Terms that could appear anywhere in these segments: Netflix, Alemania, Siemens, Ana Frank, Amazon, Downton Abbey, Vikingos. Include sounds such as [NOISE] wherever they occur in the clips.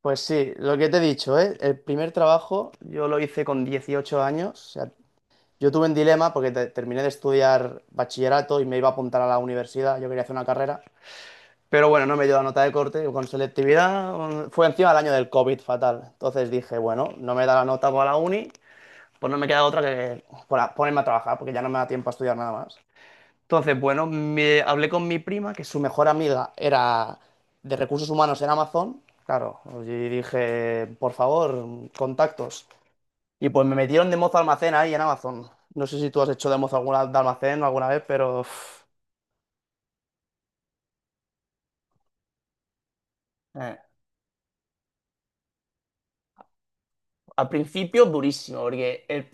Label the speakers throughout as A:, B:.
A: Pues sí, lo que te he dicho, ¿eh? El primer trabajo yo lo hice con 18 años. O sea, yo tuve un dilema porque terminé de estudiar bachillerato y me iba a apuntar a la universidad. Yo quería hacer una carrera. Pero bueno, no me dio la nota de corte con selectividad. Fue encima del año del COVID fatal. Entonces dije, bueno, no me da la nota para la uni, pues no me queda otra que ponerme a trabajar porque ya no me da tiempo a estudiar nada más. Entonces, bueno, hablé con mi prima, que su mejor amiga era de recursos humanos en Amazon. Claro, y dije, por favor, contactos. Y pues me metieron de mozo almacén ahí en Amazon. No sé si tú has hecho de mozo alguna, de almacén alguna vez, pero uf, eh, al principio durísimo, porque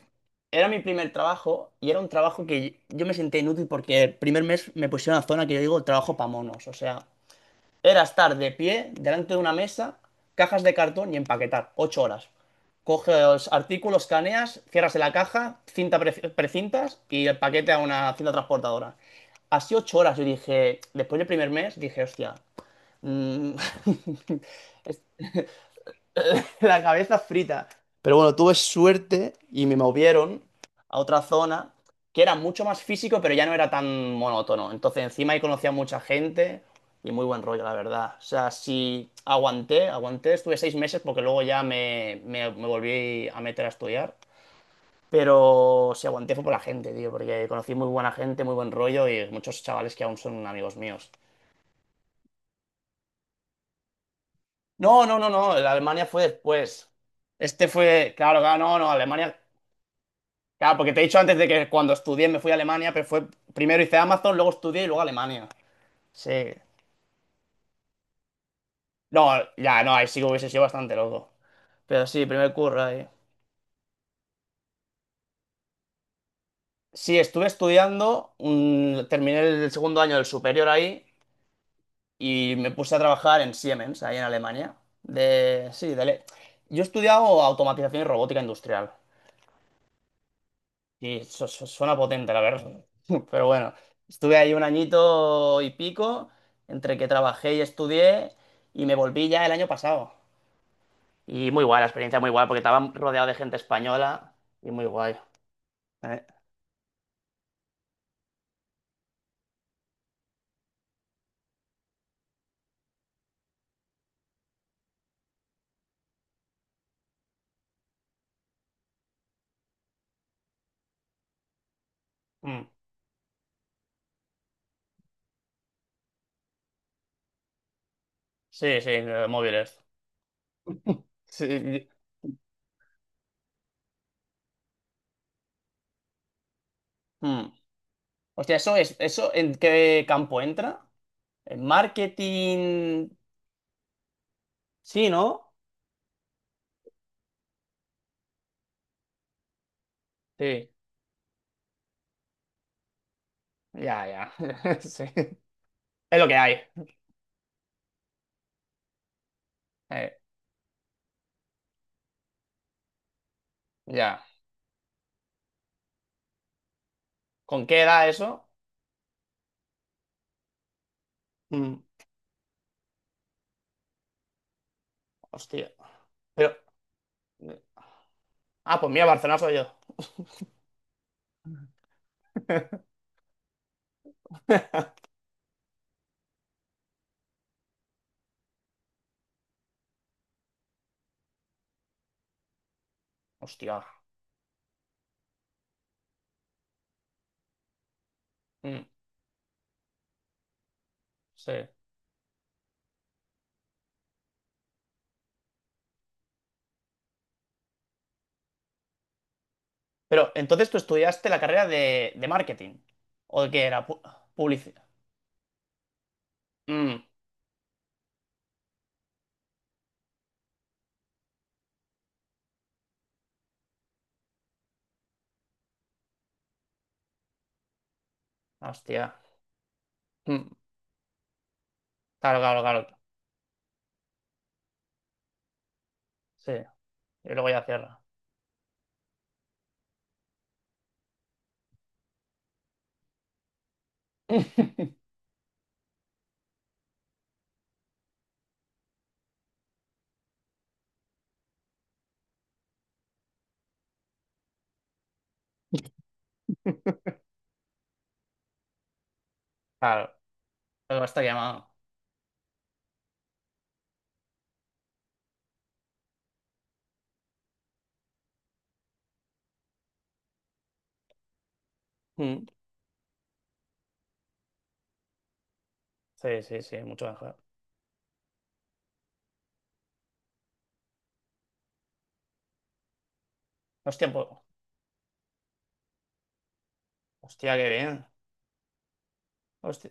A: era mi primer trabajo y era un trabajo que yo me senté inútil porque el primer mes me pusieron a la zona que yo digo trabajo para monos. O sea, era estar de pie delante de una mesa, cajas de cartón y empaquetar. 8 horas. Coges los artículos, caneas, cierras en la caja, cinta precintas y el paquete a una cinta transportadora. Así 8 horas. Yo dije, después del primer mes, dije, hostia, mm, [LAUGHS] [LAUGHS] la cabeza frita. Pero bueno, tuve suerte y me movieron a otra zona que era mucho más físico, pero ya no era tan monótono. Entonces, encima ahí conocía a mucha gente y muy buen rollo, la verdad. O sea, sí aguanté, aguanté, estuve 6 meses porque luego ya me volví a meter a estudiar. Pero si aguanté fue por la gente, tío, porque conocí muy buena gente, muy buen rollo y muchos chavales que aún son amigos míos. No, no, no, no, la Alemania fue después. Este fue, claro, claro, no, no, Alemania. Claro, porque te he dicho antes de que cuando estudié me fui a Alemania, pero fue primero hice Amazon, luego estudié y luego Alemania. Sí. No, ya, no, ahí sí que hubiese sido bastante loco. Pero sí, primer curro ahí. Sí, estuve estudiando, terminé el segundo año del superior ahí y me puse a trabajar en Siemens, ahí en Alemania. Sí, yo he estudiado automatización y robótica industrial. Y suena potente, la verdad. [LAUGHS] Pero bueno, estuve ahí un añito y pico, entre que trabajé y estudié, y me volví ya el año pasado. Y muy guay, la experiencia muy guay, porque estaba rodeado de gente española y muy guay. Eh, mm. Sí, sí, de móviles. Sí. Mm. Hostia, eso en qué campo entra? ¿En marketing? Sí, ¿no? Sí. Ya, ya. [LAUGHS] Sí. Es lo que hay. Eh, ya. ¿Con qué edad eso? Hostia. Pero. Ah, pues mira, Barcelona soy yo. [LAUGHS] Hostia. Mm, sí. Pero entonces tú estudiaste la carrera de marketing. ¿O de qué era? Publicidad. Hostia. Mm, claro, claro, claro. Sí. Y luego ya cierra. [LAUGHS] Claro. Luego está llamado. Mm, sí, sí, sí. Mucho mejor. Hostia. Hostia, qué bien. Hostia.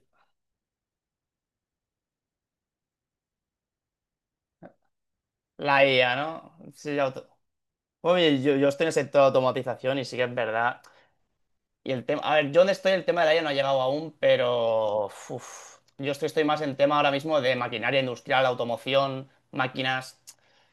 A: La IA, ¿no? Sí. Oye, yo estoy en el sector de automatización y sí que es verdad. Y el tema, a ver, yo donde estoy el tema del aire no ha llegado aún, pero uf, yo estoy más en tema ahora mismo de maquinaria industrial, automoción, máquinas.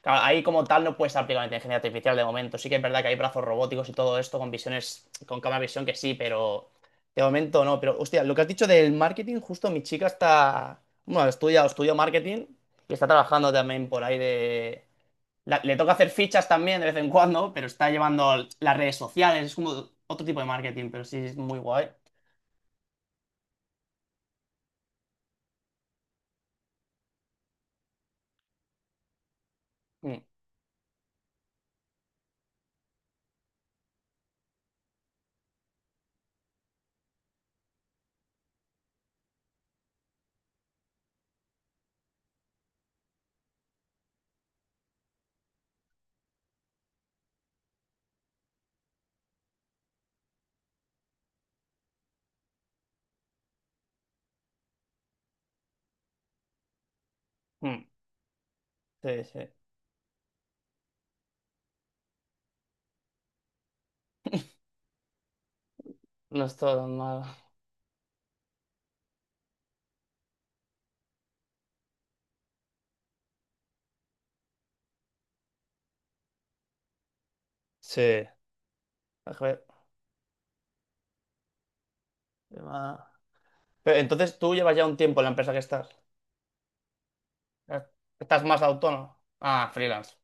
A: Claro, ahí como tal no puedes aplicar la inteligencia artificial de momento. Sí que es verdad que hay brazos robóticos y todo esto con visiones, con cámara de visión que sí, pero de momento no. Pero hostia, lo que has dicho del marketing, justo mi chica está, bueno, estudia, estudió marketing y está trabajando también por ahí de le toca hacer fichas también de vez en cuando, pero está llevando las redes sociales, es como otro tipo de marketing, pero sí es muy guay. Mm, mm. Sí, sí. No es todo tan malo. Sí. A ver, ¿qué...? Pero entonces tú llevas ya un tiempo en la empresa que estás. Estás más autónomo. Ah, freelance.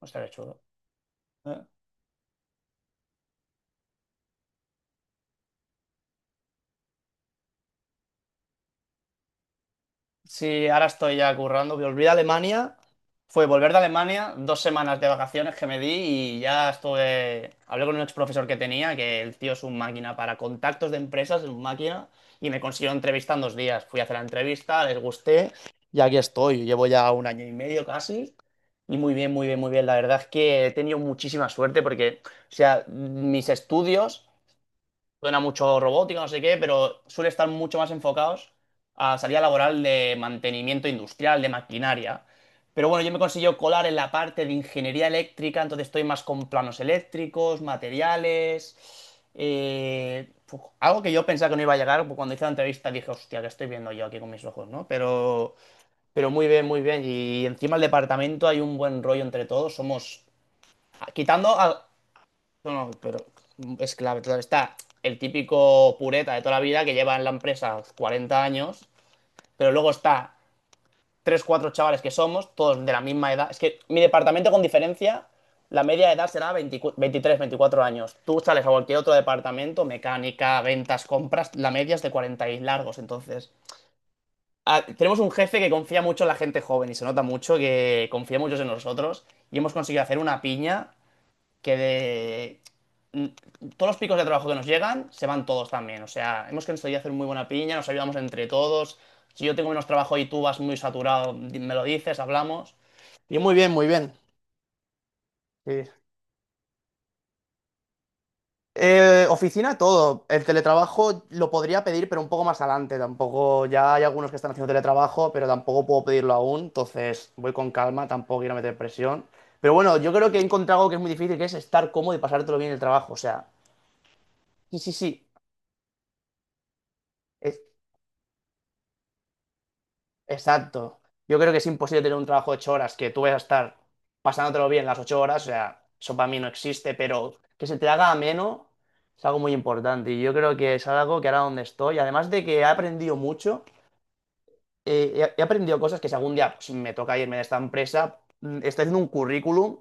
A: O sea, qué chulo. Sí, ahora estoy ya currando. Volví de Alemania. Fue volver de Alemania, 2 semanas de vacaciones que me di y ya estuve. Hablé con un ex profesor que tenía, que el tío es un máquina para contactos de empresas, es un máquina, y me consiguió entrevista en 2 días. Fui a hacer la entrevista, les gusté y aquí estoy. Llevo ya un año y medio casi. Y muy bien, muy bien, muy bien. La verdad es que he tenido muchísima suerte porque, o sea, mis estudios suena mucho robótica, no sé qué, pero suele estar mucho más enfocados a salida laboral de mantenimiento industrial, de maquinaria. Pero bueno, yo me consiguió colar en la parte de ingeniería eléctrica, entonces estoy más con planos eléctricos, materiales. Algo que yo pensaba que no iba a llegar, pues cuando hice la entrevista dije, hostia, que estoy viendo yo aquí con mis ojos, ¿no? Pero muy bien, muy bien. Y encima el departamento hay un buen rollo entre todos. Somos, quitando a- no, no, pero es clave. Entonces está el típico pureta de toda la vida que lleva en la empresa 40 años, pero luego está tres, cuatro chavales que somos, todos de la misma edad. Es que mi departamento con diferencia, la media de edad será 20 23 24 años. Tú sales a cualquier otro departamento, mecánica, ventas, compras, la media es de 40 y largos. Entonces, ah, tenemos un jefe que confía mucho en la gente joven y se nota mucho que confía mucho en nosotros y hemos conseguido hacer una piña que de... Todos los picos de trabajo que nos llegan se van todos también. O sea, hemos conseguido hacer muy buena piña, nos ayudamos entre todos. Si yo tengo menos trabajo y tú vas muy saturado, me lo dices, hablamos. Y muy bien, muy bien. Sí. Oficina, todo. El teletrabajo lo podría pedir, pero un poco más adelante. Tampoco, ya hay algunos que están haciendo teletrabajo, pero tampoco puedo pedirlo aún. Entonces voy con calma, tampoco quiero meter presión. Pero bueno, yo creo que he encontrado algo que es muy difícil, que es estar cómodo y pasártelo bien en el trabajo. O sea, sí, sí, sí. Es- Exacto. Yo creo que es imposible tener un trabajo de 8 horas que tú vayas a estar pasándotelo bien las 8 horas. O sea, eso para mí no existe, pero que se te haga ameno es algo muy importante. Y yo creo que es algo que ahora donde estoy, además de que he aprendido mucho, he aprendido cosas que si algún día pues, me toca irme de esta empresa, estoy haciendo un currículum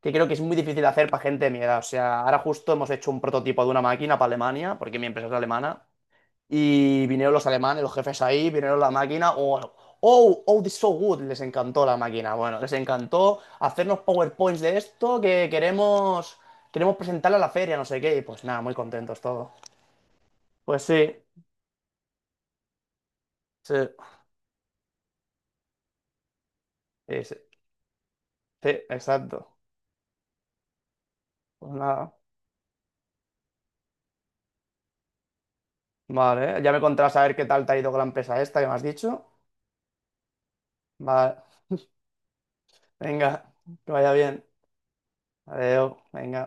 A: que creo que es muy difícil de hacer para gente de mi edad. O sea, ahora justo hemos hecho un prototipo de una máquina para Alemania, porque mi empresa es alemana. Y vinieron los alemanes, los jefes ahí, vinieron la máquina. Oh, oh, oh, this is so good. Les encantó la máquina. Bueno, les encantó hacernos PowerPoints de esto que queremos, presentarla a la feria, no sé qué. Y pues nada, muy contentos todos. Pues sí, sí, sí, sí, sí, exacto. Pues nada. Vale, ya me contarás a ver qué tal te ha ido con la empresa esta que me has dicho. Vale, venga, que vaya bien. Adiós, venga.